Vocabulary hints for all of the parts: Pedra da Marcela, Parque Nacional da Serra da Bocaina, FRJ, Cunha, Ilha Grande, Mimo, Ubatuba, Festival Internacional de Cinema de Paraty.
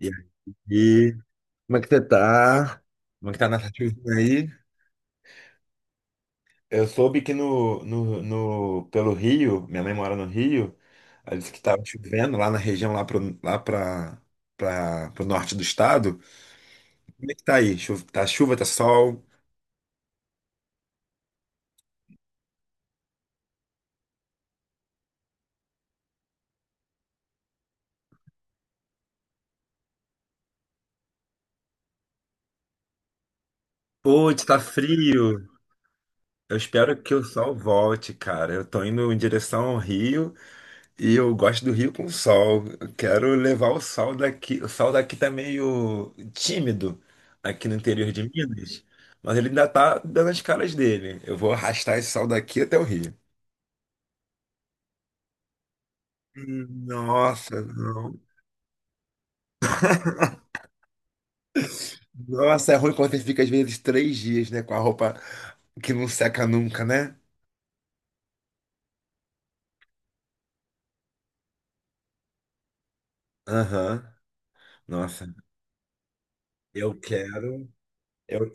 E aí, como é que você tá? Como é que tá nessa chuvinha aí? Eu soube que pelo Rio, minha mãe mora no Rio, ela disse que estava chovendo lá na região, lá pro, lá pra, pra, pro norte do estado. Como é que tá aí? Tá chuva, tá sol? Putz, tá frio. Eu espero que o sol volte, cara. Eu tô indo em direção ao Rio. E eu gosto do Rio com sol. Eu quero levar o sol daqui. O sol daqui tá meio tímido aqui no interior de Minas, mas ele ainda tá dando as caras dele. Eu vou arrastar esse sol daqui até o Rio. Nossa, não. Nossa, é ruim quando você fica às vezes 3 dias, né, com a roupa que não seca nunca, né? Aham. Nossa, eu quero. Eu,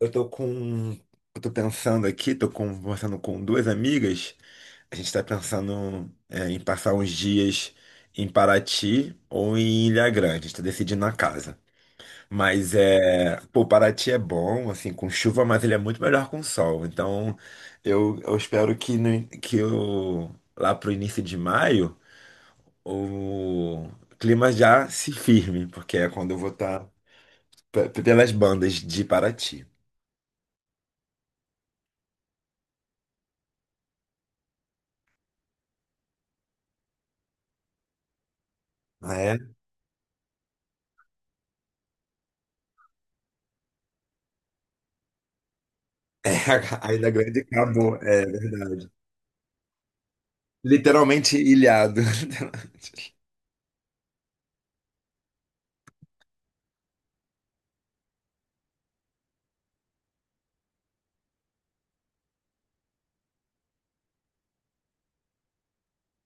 eu tô com. Eu tô pensando aqui, tô conversando com duas amigas. A gente está pensando em passar uns dias em Paraty ou em Ilha Grande. A gente tá decidindo na casa. Mas é. Pô, Paraty é bom, assim, com chuva, mas ele é muito melhor com sol. Então eu espero que, no- que eu, lá pro início de maio o clima já se firme, porque é quando eu vou estar pelas bandas de Paraty. É, é, a Ilha Grande acabou, é verdade. Literalmente ilhado.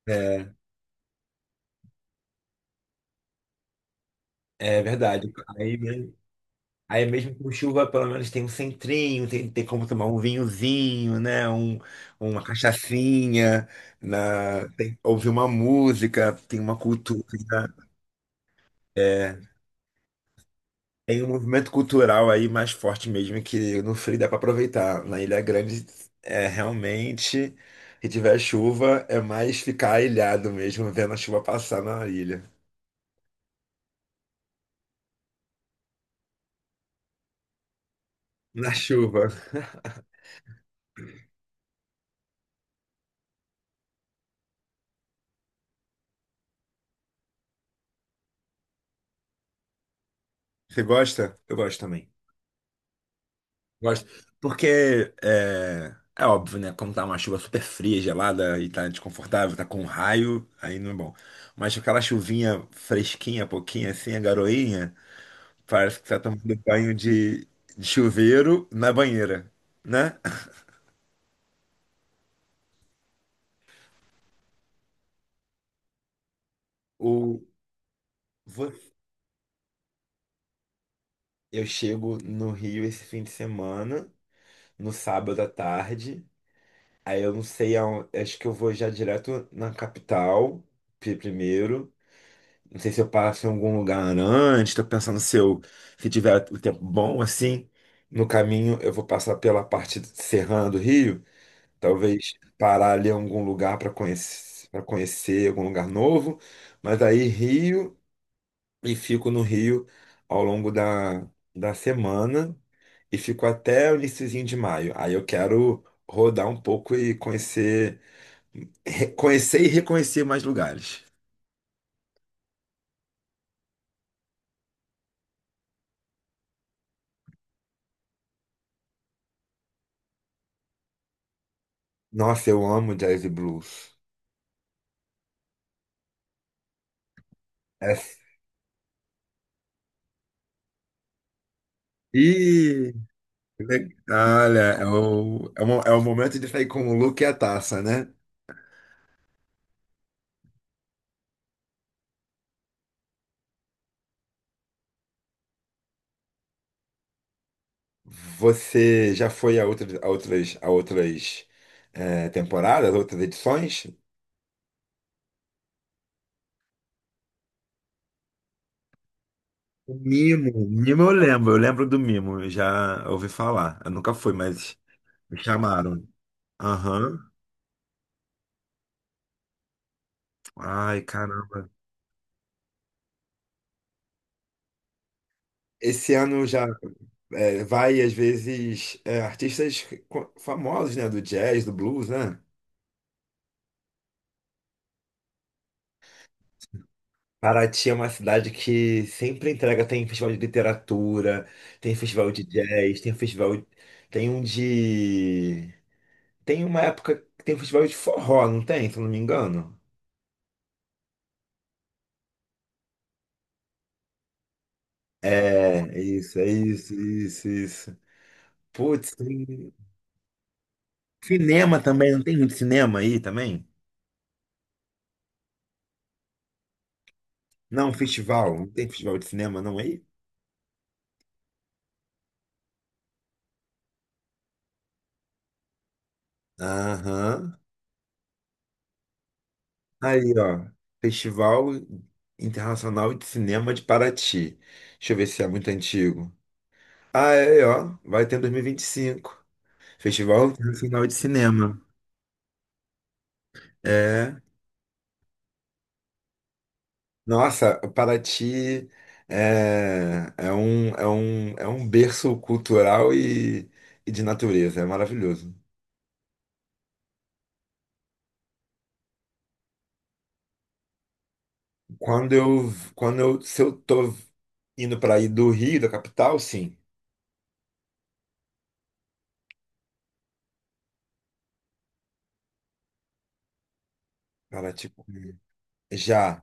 É. É verdade. Aí mesmo com chuva, pelo menos tem um centrinho, tem como tomar um vinhozinho, né? Uma cachaçinha, ouvir uma música, tem uma cultura. Né? É, tem um movimento cultural aí mais forte mesmo, que no frio dá para aproveitar. Na Ilha Grande, é realmente, se tiver chuva, é mais ficar ilhado mesmo, vendo a chuva passar na ilha. Na chuva. Você gosta? Eu gosto também. Gosto. Porque é óbvio, né? Como tá uma chuva super fria, gelada e tá desconfortável, tá com raio, aí não é bom. Mas aquela chuvinha fresquinha, pouquinha assim, a garoinha, parece que tá tomando banho de chuveiro na banheira, né? O, vo- eu chego no Rio esse fim de semana, no sábado à tarde. Aí eu não sei aonde. Acho que eu vou já direto na capital primeiro. Não sei se eu passo em algum lugar antes, tô pensando se tiver o tempo bom, assim, no caminho eu vou passar pela parte serrana do Rio, talvez parar ali em algum lugar para conhecer algum lugar novo, mas aí Rio e fico no Rio ao longo da semana e fico até o iniciozinho de maio. Aí eu quero rodar um pouco e conhecer, reconhecer mais lugares. Nossa, eu amo jazz e blues. É E olha, é o momento de sair com o look e a taça, né? Você já foi a outras temporadas, outras edições? O Mimo eu lembro, do Mimo, eu já ouvi falar. Eu nunca fui, mas me chamaram. Aham. Ai, caramba. Esse ano já vai, às vezes, artistas famosos, né? Do jazz, do blues, né? Paraty é uma cidade que sempre entrega, tem festival de literatura, tem festival de jazz, tem um de, tem uma época que tem festival de forró, não tem, se eu não me engano? É, é isso, isso, isso. Putz, tem cinema também, não tem muito cinema aí também? Não, festival, não tem festival de cinema não aí? Aham. Aí, ó, Festival Internacional de Cinema de Paraty. Deixa eu ver se é muito antigo. Ah, é, ó. Vai ter em dois mil e vinte e cinco. Festival Nacional de Cinema. É. Nossa, Paraty é um berço cultural e de natureza. É maravilhoso. Quando eu, Se eu tô indo para aí do Rio, da capital, sim. Paraty. Já.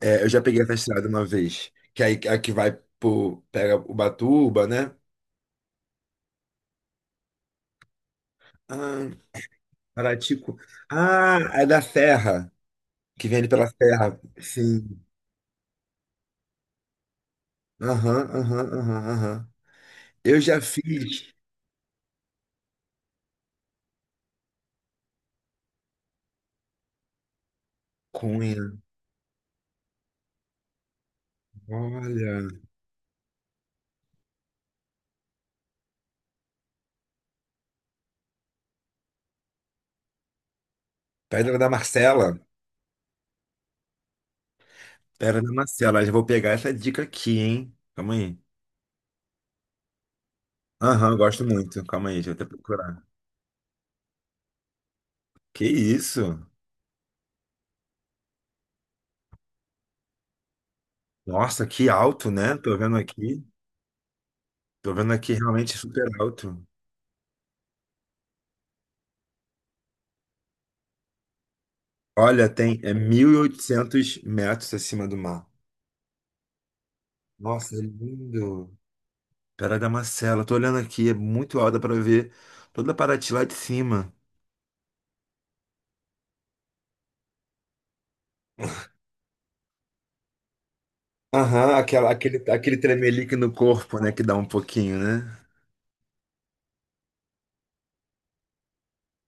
É, eu já peguei essa estrada uma vez. Que aí a que vai pega Ubatuba, né? Ah, Paraty. Ah, é da Serra. Que vende pela terra. Sim. Aham, aham, aham, aham. Eu já fiz cunha. Olha. Pedra da Marcela. Pedra da Marcela. Já vou pegar essa dica aqui, hein? Calma aí. Aham, gosto muito. Calma aí, deixa eu até procurar. Que isso? Nossa, que alto, né? Tô vendo aqui. Tô vendo aqui realmente super alto. Olha, tem 1.800 metros acima do mar. Nossa, é lindo. Pedra da Marcela. Tô olhando aqui, é muito alta para ver toda a Paraty lá de cima. Aham, aquele tremelique no corpo, né? Que dá um pouquinho, né?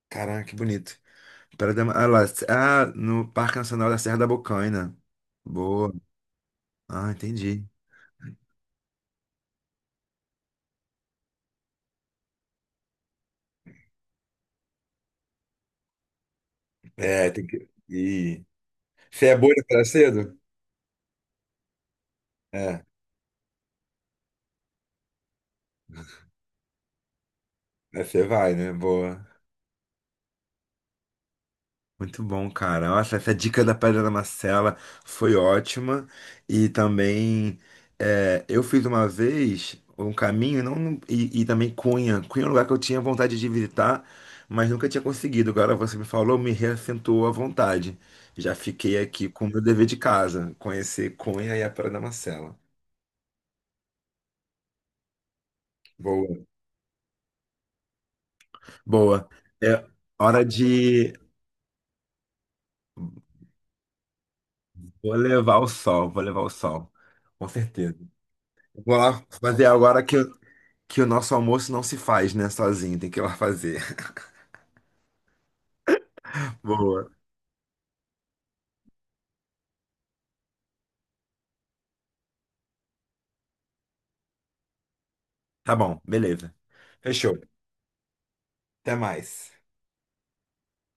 Caraca, que bonito. Pera da, ah, lá, ah, No Parque Nacional da Serra da Bocaina. Boa. Ah, entendi. É, tem que. Você é boa de acordar cedo? É. Aí você vai, né? Boa. Muito bom, cara. Nossa, essa dica da Pedra da Marcela foi ótima. E também eu fiz uma vez um caminho não, e também Cunha. Cunha é um lugar que eu tinha vontade de visitar, mas nunca tinha conseguido. Agora você me falou, me reassentou a vontade. Já fiquei aqui com o meu dever de casa, conhecer Cunha e a Pedra da Marcela. Boa. Boa. É hora de. Vou levar o sol, vou levar o sol. Com certeza. Vou lá fazer agora que o nosso almoço não se faz, né, sozinho, tem que ir lá fazer. Boa. Tá bom, beleza. Fechou. Até mais.